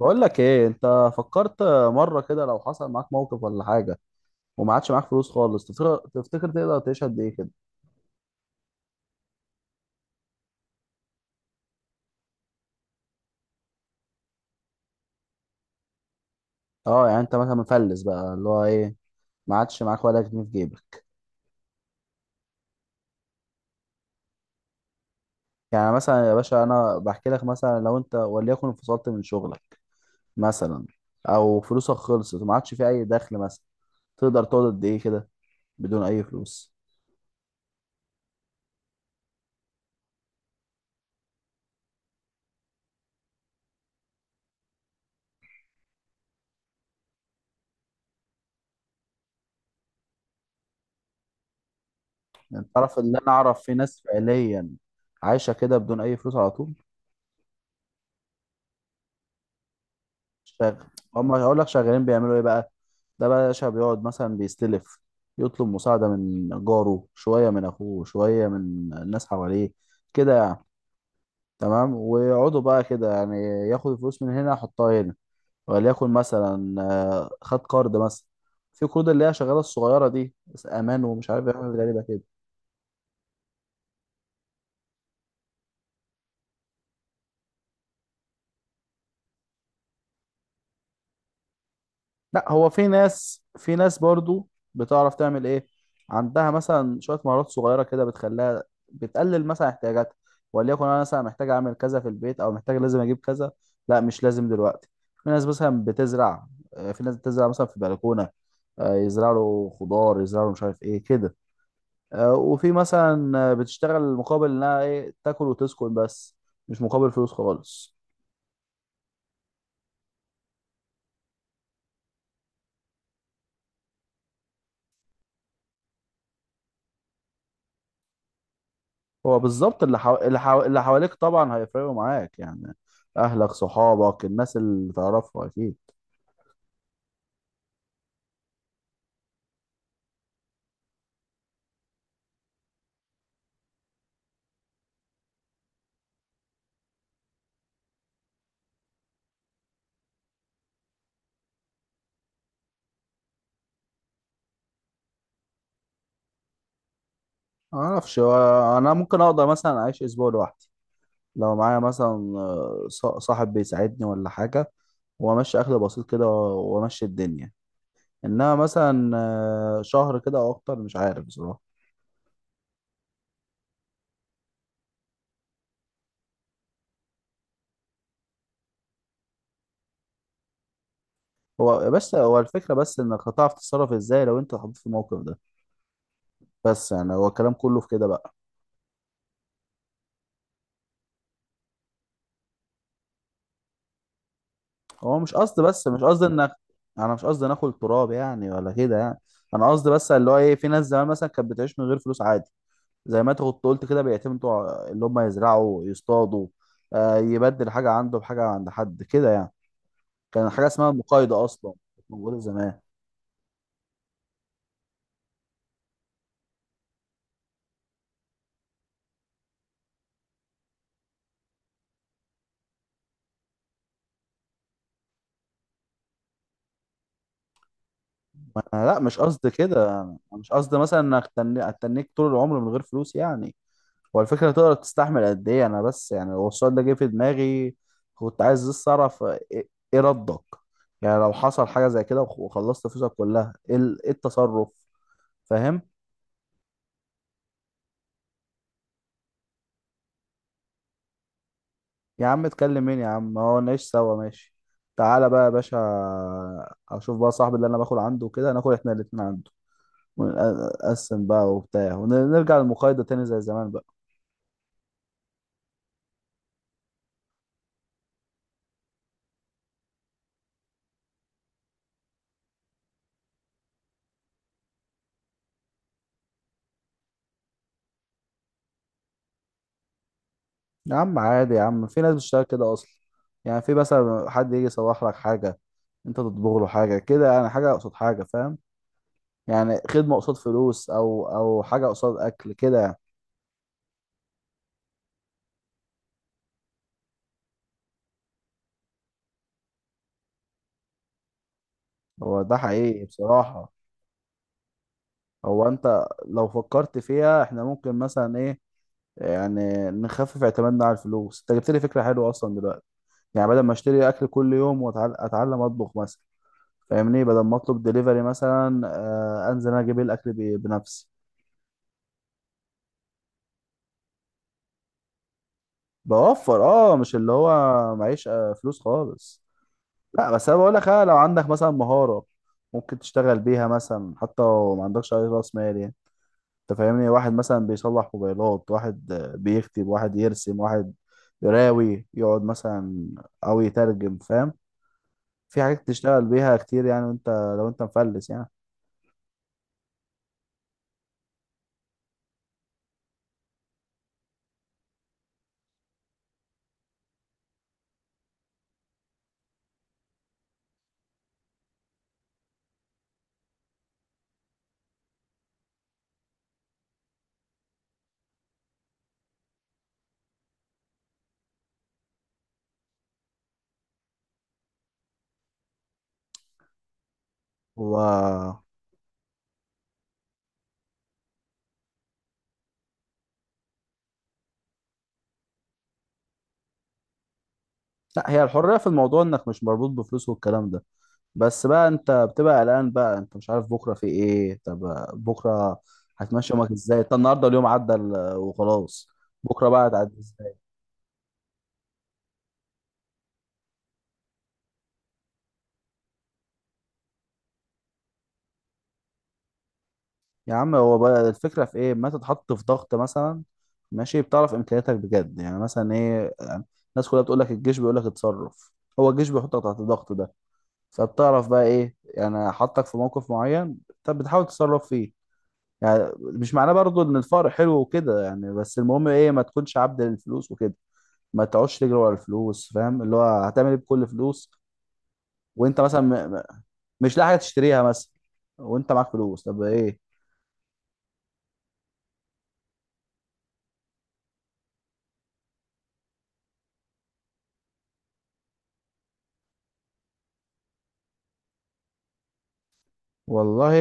بقول لك ايه انت فكرت مره كده لو حصل معاك موقف ولا حاجه، وما عادش معاك فلوس خالص. تفتكر تقدر تعيش قد ايه كده؟ اه يعني انت مثلا مفلس بقى، اللي هو ايه، ما عادش معاك ولا جنيه في جيبك. يعني مثلا يا باشا انا بحكي لك، مثلا لو انت وليكن انفصلت من شغلك مثلا، او فلوسك خلصت وما عادش في اي دخل مثلا، تقدر تقعد قد ايه كده بدون اي فلوس؟ يعني تعرف ان انا اعرف في ناس فعليا عايشه كده بدون اي فلوس على طول. شغ... هقول لك شغالين بيعملوا ايه بقى. ده بقى يا باشا بيقعد مثلا بيستلف، يطلب مساعدة من جاره شوية، من أخوه شوية، من الناس حواليه كده يعني. تمام، ويقعدوا بقى كده يعني، ياخد الفلوس من هنا يحطها هنا. وليكن مثلا خد قرض مثلا. في قروض اللي هي شغالة الصغيرة دي بس أمان، ومش عارف يعمل غريبة كده. لا هو في ناس برضو بتعرف تعمل ايه. عندها مثلا شويه مهارات صغيره كده بتخليها بتقلل مثلا احتياجاتها. وليكن انا مثلا محتاج اعمل كذا في البيت، او محتاج لازم اجيب كذا، لا مش لازم دلوقتي. في ناس مثلا بتزرع. في ناس بتزرع مثلا في بلكونه. يزرعوا خضار، يزرعوا مش عارف ايه كده. وفي مثلا بتشتغل مقابل انها ايه، تاكل وتسكن بس، مش مقابل فلوس خالص. هو بالظبط اللي حواليك طبعا هيفرقوا معاك يعني. اهلك صحابك الناس اللي تعرفها اكيد. ما اعرفش، هو انا ممكن اقدر مثلا اعيش اسبوع لوحدي لو معايا مثلا صاحب بيساعدني ولا حاجه، وامشي اكل بسيط كده وامشي الدنيا. انما مثلا شهر كده او اكتر مش عارف بصراحه. هو بس هو الفكره، بس انك هتعرف تتصرف ازاي لو انت اتحطيت في الموقف ده. بس يعني هو الكلام كله في كده بقى. هو مش قصد انك، انا مش قصدي ناكل تراب يعني ولا كده يعني. انا قصدي بس اللي هو ايه، في ناس زمان مثلا كانت بتعيش من غير فلوس عادي. زي ما انت كنت قلت كده، بيعتمدوا على اللي هم يزرعوا يصطادوا، آه يبدل حاجه عنده بحاجه عند حد كده يعني. كان حاجه اسمها المقايضه اصلا كانت موجوده زمان. لا مش قصدي كده يعني. أنا مش قصدي مثلا انك اتنيك طول العمر من غير فلوس يعني. هو الفكرة تقدر تستحمل قد ايه، انا بس يعني هو السؤال ده جه في دماغي. كنت عايز بس اعرف إيه ردك. يعني لو حصل حاجة زي كده وخلصت فلوسك كلها، إيه التصرف، فاهم. يا عم اتكلم مين يا عم، ما هو نعيش سوا ماشي. تعالى بقى يا باشا، اشوف بقى صاحبي اللي انا باكل عنده كده، ناكل احنا الاتنين عنده، ونقسم بقى وبتاع، ونرجع للمقايضة تاني زي زمان بقى. يا عم عادي يا عم، في ناس بتشتغل كده اصلا. يعني في مثلا حد يجي يصلح لك حاجه، انت تطبخ له حاجه كده يعني، حاجه قصاد حاجه فاهم. يعني خدمه قصاد فلوس، او حاجه قصاد اكل كده يعني. هو ده حقيقي بصراحه. هو انت لو فكرت فيها، احنا ممكن مثلا ايه، يعني نخفف اعتمادنا على الفلوس. انت جبت لي فكره حلوه اصلا دلوقتي. يعني بدل ما اشتري اكل كل يوم، واتعلم اطبخ مثلا، فاهمني، بدل ما اطلب دليفري مثلا، انزل انا اجيب الاكل بنفسي. بوفر، مش اللي هو معيش فلوس خالص. لا بس انا بقول لك، لو عندك مثلا مهارة ممكن تشتغل بيها مثلا حتى لو ما عندكش اي راس مال يعني. انت فاهمني، واحد مثلا بيصلح موبايلات، واحد بيكتب، واحد يرسم، واحد يراوي يقعد مثلا، او يترجم، فاهم. في حاجات تشتغل بيها كتير يعني، وانت لو انت مفلس يعني. لا هي الحرية في الموضوع انك مش مربوط بفلوس والكلام ده. بس بقى انت بتبقى قلقان بقى، انت مش عارف بكرة في ايه. طب بكرة هتمشي يومك ازاي؟ طب النهاردة اليوم عدى وخلاص، بكرة بقى هتعدي ازاي؟ يا عم هو بقى الفكرة في ايه، ما تتحط في ضغط مثلا، ماشي، بتعرف امكانياتك بجد يعني مثلا ايه يعني. الناس كلها بتقول لك، الجيش بيقول لك اتصرف. هو الجيش بيحطك تحت الضغط ده، فبتعرف بقى ايه يعني، حطك في موقف معين طب بتحاول تتصرف فيه. يعني مش معناه برضو ان الفقر حلو وكده يعني، بس المهم ايه، ما تكونش عبد للفلوس وكده. ما تقعدش تجري ورا الفلوس فاهم، اللي هو هتعمل ايه بكل فلوس، وانت مثلا مش لاقي حاجه تشتريها مثلا، وانت معاك فلوس، طب ايه. والله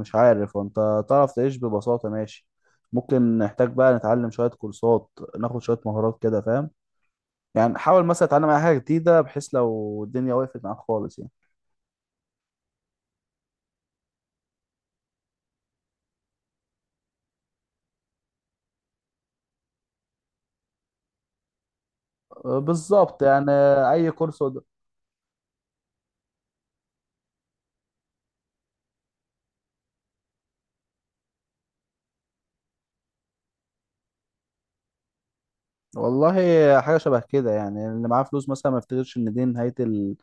مش عارف، وانت تعرف تعيش ببساطه ماشي. ممكن نحتاج بقى نتعلم شويه كورسات، ناخد شويه مهارات كده فاهم. يعني حاول مثلا تتعلم اي حاجه جديده بحيث لو الدنيا وقفت معاك خالص يعني. بالظبط يعني اي كورس. والله حاجة شبه كده يعني، اللي معاه فلوس مثلا ما يفتكرش ان دي نهاية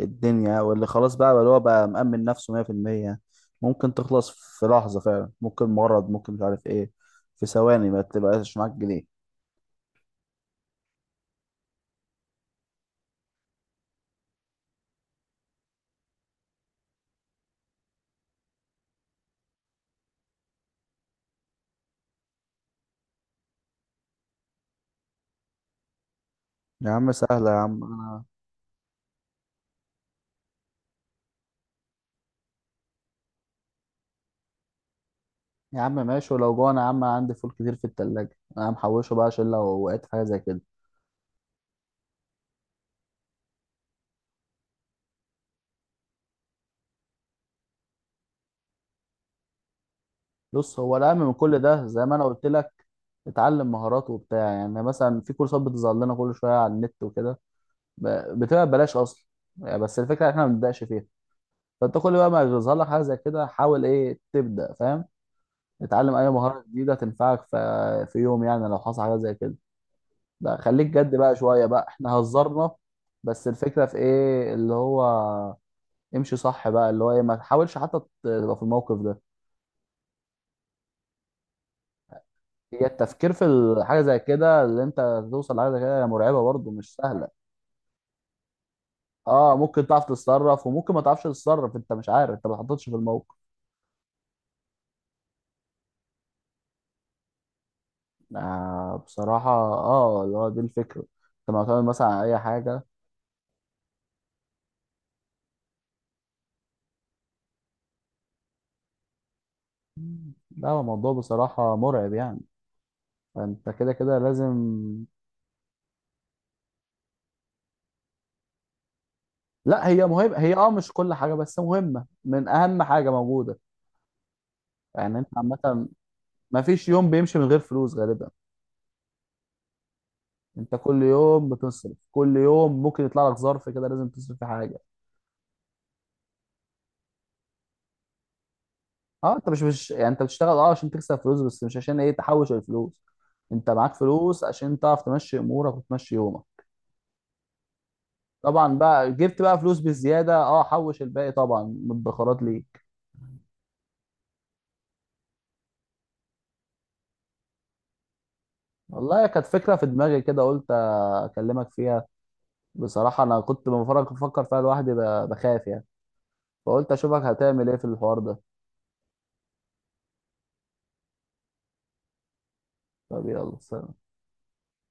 الدنيا، واللي خلاص بقى اللي هو بقى مأمن نفسه 100%. ممكن تخلص في لحظة فعلا، ممكن مرض، ممكن مش عارف ايه، في ثواني ما تبقاش معاك جنيه. يا عم سهلة يا عم انا. يا عم ماشي، ولو جوع انا يا عم عندي فول كتير في التلاجة، انا محوشه بقى عشان لو وقعت في حاجة زي كده. بص، هو الأهم من كل ده زي ما انا قلت لك، اتعلم مهارات وبتاع يعني. مثلا في كورسات بتظهر لنا كل شوية على النت وكده، بتبقى ببلاش اصلا. يعني بس الفكره ان احنا ما بنبداش فيها. فانت كل بقى ما يظهر لك حاجه زي كده، حاول ايه تبدا فاهم، اتعلم اي مهاره جديده تنفعك في يوم، يعني لو حصل حاجه زي كده. لا خليك جد بقى شويه بقى، احنا هزرنا، بس الفكره في ايه اللي هو، امشي صح بقى اللي هو ايه، ما تحاولش حتى تبقى في الموقف ده. هي التفكير في الحاجه زي كده اللي انت توصل لحاجه زي كده مرعبه برضه، مش سهله. اه ممكن تعرف تتصرف وممكن ما تعرفش تتصرف، انت مش عارف، انت ما اتحطتش في الموقف. آه بصراحة، اللي هو دي الفكرة انت معتمد مثلا على اي حاجة. لا هو الموضوع بصراحة مرعب يعني، فانت كده كده لازم. لا هي مهمة، هي مش كل حاجة، بس مهمة، من اهم حاجة موجودة. يعني انت عامة، ما فيش يوم بيمشي من غير فلوس غالبا. انت كل يوم بتصرف، كل يوم ممكن يطلع لك ظرف كده، لازم تصرف في حاجة. اه انت مش يعني، انت بتشتغل عشان تكسب فلوس، بس مش عشان ايه تحوش الفلوس. انت معاك فلوس عشان تعرف تمشي امورك وتمشي يومك. طبعا بقى جبت بقى فلوس بالزياده، حوش الباقي طبعا من الادخارات ليك. والله كانت فكره في دماغي كده، قلت اكلمك فيها. بصراحه انا كنت بفكر فيها لوحدي، بخاف يعني، فقلت اشوفك هتعمل ايه في الحوار ده. طب يلا سلام.